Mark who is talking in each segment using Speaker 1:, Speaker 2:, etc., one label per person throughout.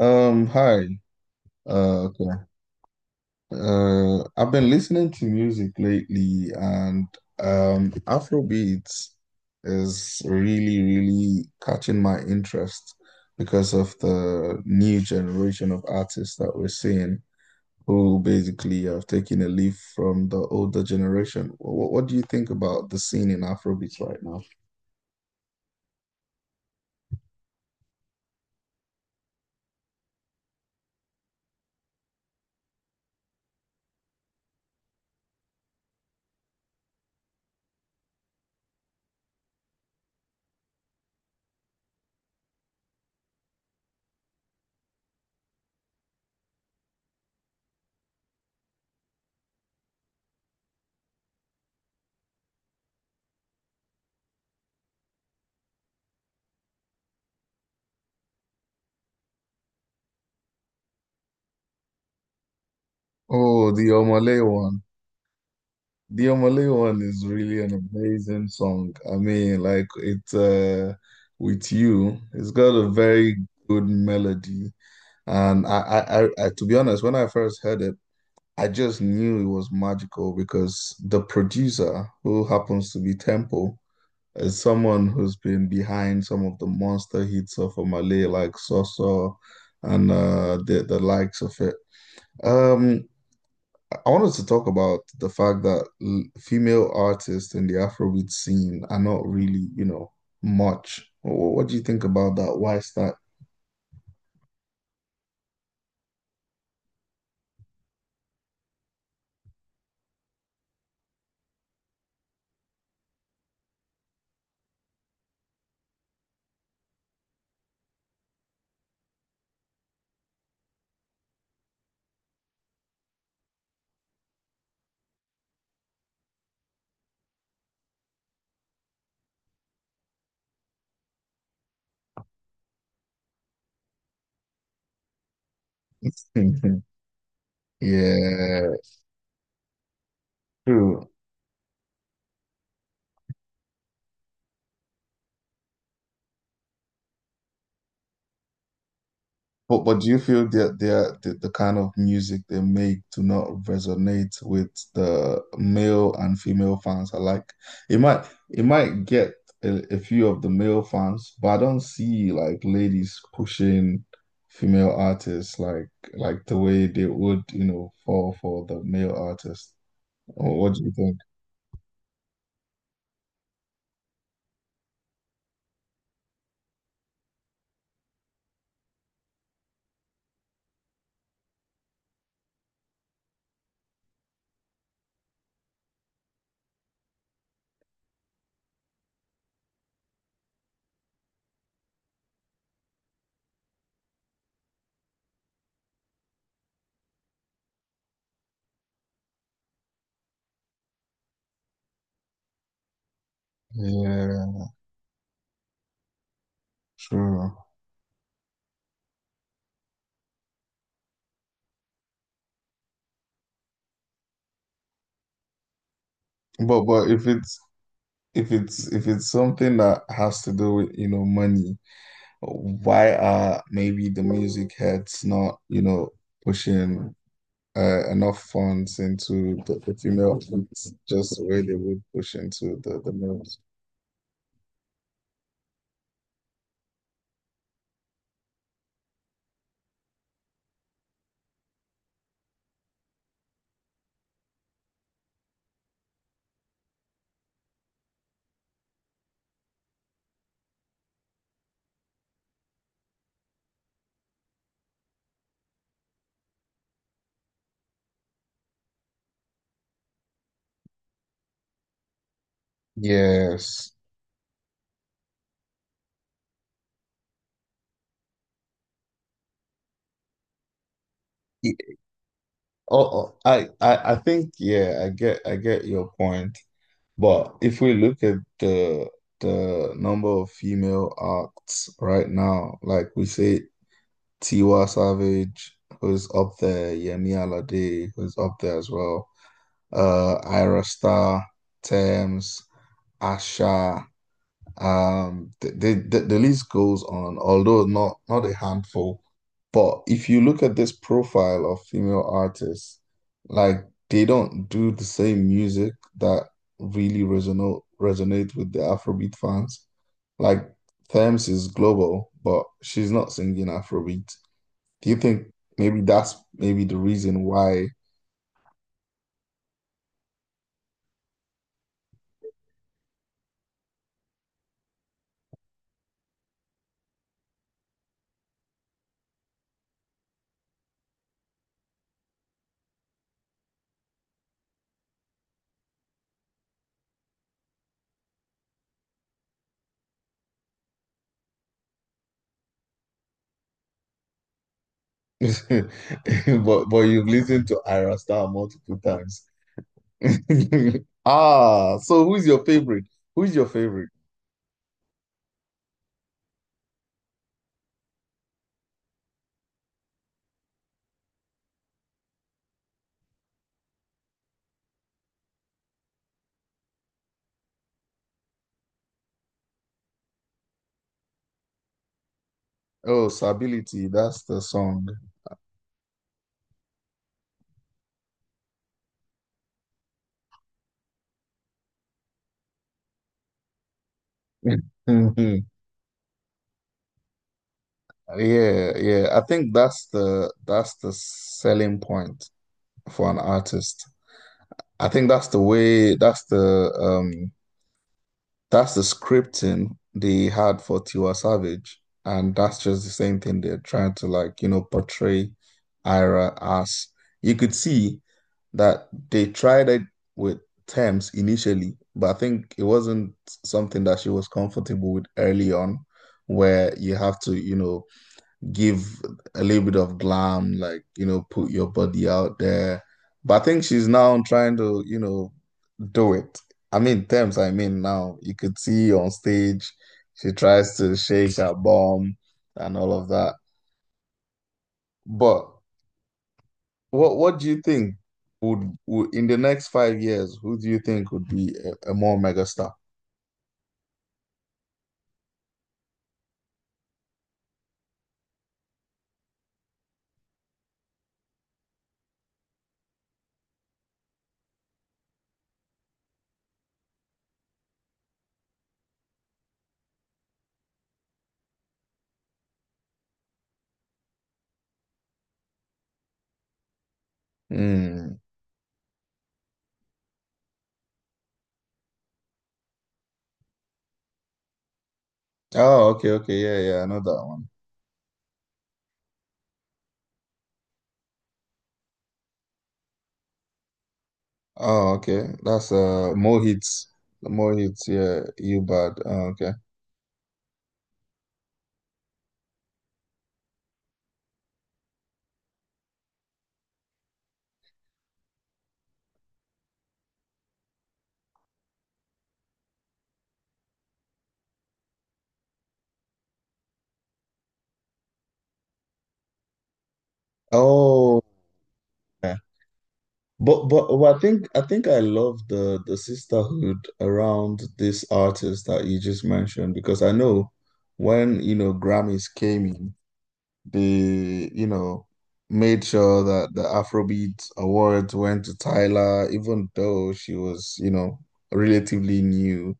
Speaker 1: Hi. Okay. I've been listening to music lately, and Afrobeats is really, really catching my interest because of the new generation of artists that we're seeing who basically have taken a leaf from the older generation. What do you think about the scene in Afrobeats right now? Oh, the Omale. The Omale one is really an amazing song. I mean, like it's with you, it's got a very good melody. And I, to be honest, when I first heard it, I just knew it was magical because the producer, who happens to be Tempo, is someone who's been behind some of the monster hits of Omale, like Soso and the likes of it. Um, I wanted to talk about the fact that female artists in the Afrobeat scene are not really, much. What do you think about that? Why is that? Yeah, true. But do you feel that the kind of music they make do not resonate with the male and female fans alike? It might get a few of the male fans, but I don't see like ladies pushing female artists like the way they would, you know, fall for the male artist. What do you think? Yeah, sure. But if it's something that has to do with, you know, money. Why are maybe the music heads not, you know, pushing enough funds into the female athletes just the way they would push into the males? Yes. Y- Oh, oh, I think, yeah, I get your point. But if we look at the number of female acts right now, like we say Tiwa Savage, who's up there, Yemi Alade, who's up there as well. Ira Star, Thames, Asha. The list goes on, although not a handful. But if you look at this profile of female artists, like they don't do the same music that really resonate with the Afrobeat fans. Like Thames is global, but she's not singing Afrobeat. Do you think maybe that's maybe the reason why? But you've listened to Ayra Starr multiple times. Ah, so who's your favorite? Who's your favorite? Oh, stability. That's the song. Yeah, yeah. I think that's the selling point for an artist. I think um. That's the scripting they had for Tiwa Savage, and that's just the same thing they're trying to like, you know, portray Ira as. You could see that they tried it with Thames initially, but I think it wasn't something that she was comfortable with early on, where you have to, you know, give a little bit of glam, like, you know, put your body out there. But I think she's now trying to, you know, do it. I mean, Thames, I mean, now you could see on stage, she tries to shake her bum and all of that. But what do you think would in the next 5 years, who do you think would be a more megastar? Hmm. Oh, okay, okay, yeah, yeah, I know that one. Oh, okay, that's Mohit, Mohit, yeah, you bad. Oh, okay. Oh, but I think I love the sisterhood around this artist that you just mentioned because I know when you know Grammys came in, they, you know, made sure that the Afrobeat Awards went to Tyla, even though she was, you know, relatively new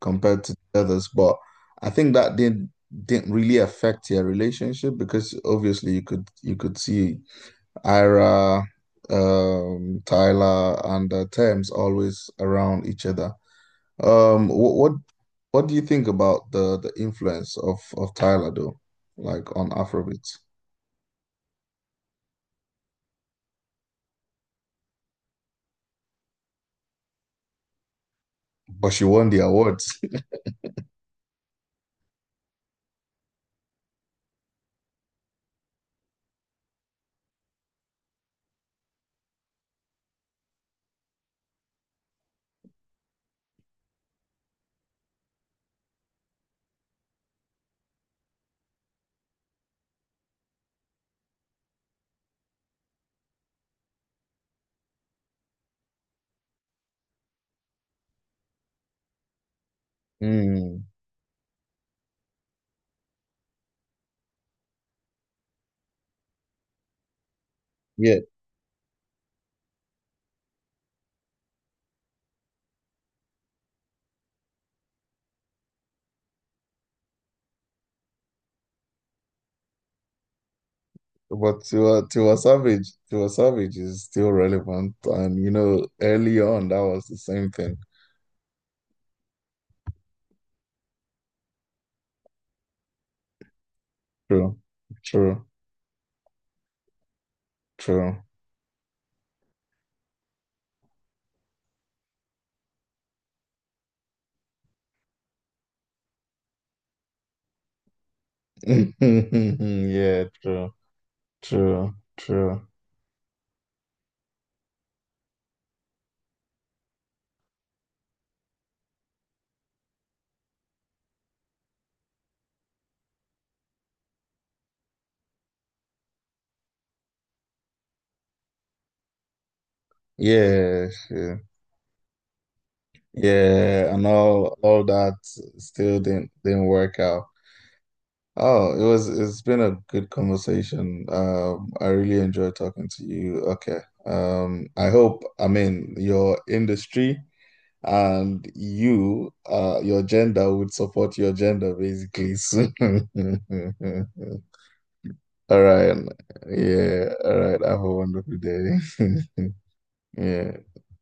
Speaker 1: compared to the others. But I think that didn't really affect your relationship because obviously you could see Ira, Tyler, and Thames always around each other. Um, what what what do you think about the influence of Tyler though, like on Afrobeats? But she won the awards. Mm, yeah, but to to a savage is still relevant, and you know, early on that was the same thing. True, true, true. Yeah, true, true, true. Yeah, she- Yeah, and all that still didn't work out. Oh, it was, it's been a good conversation. I really enjoyed talking to you. Okay. I hope, I mean, your industry and you your gender would support your gender basically soon. All right. Yeah, all right. Have a wonderful day. Yeah.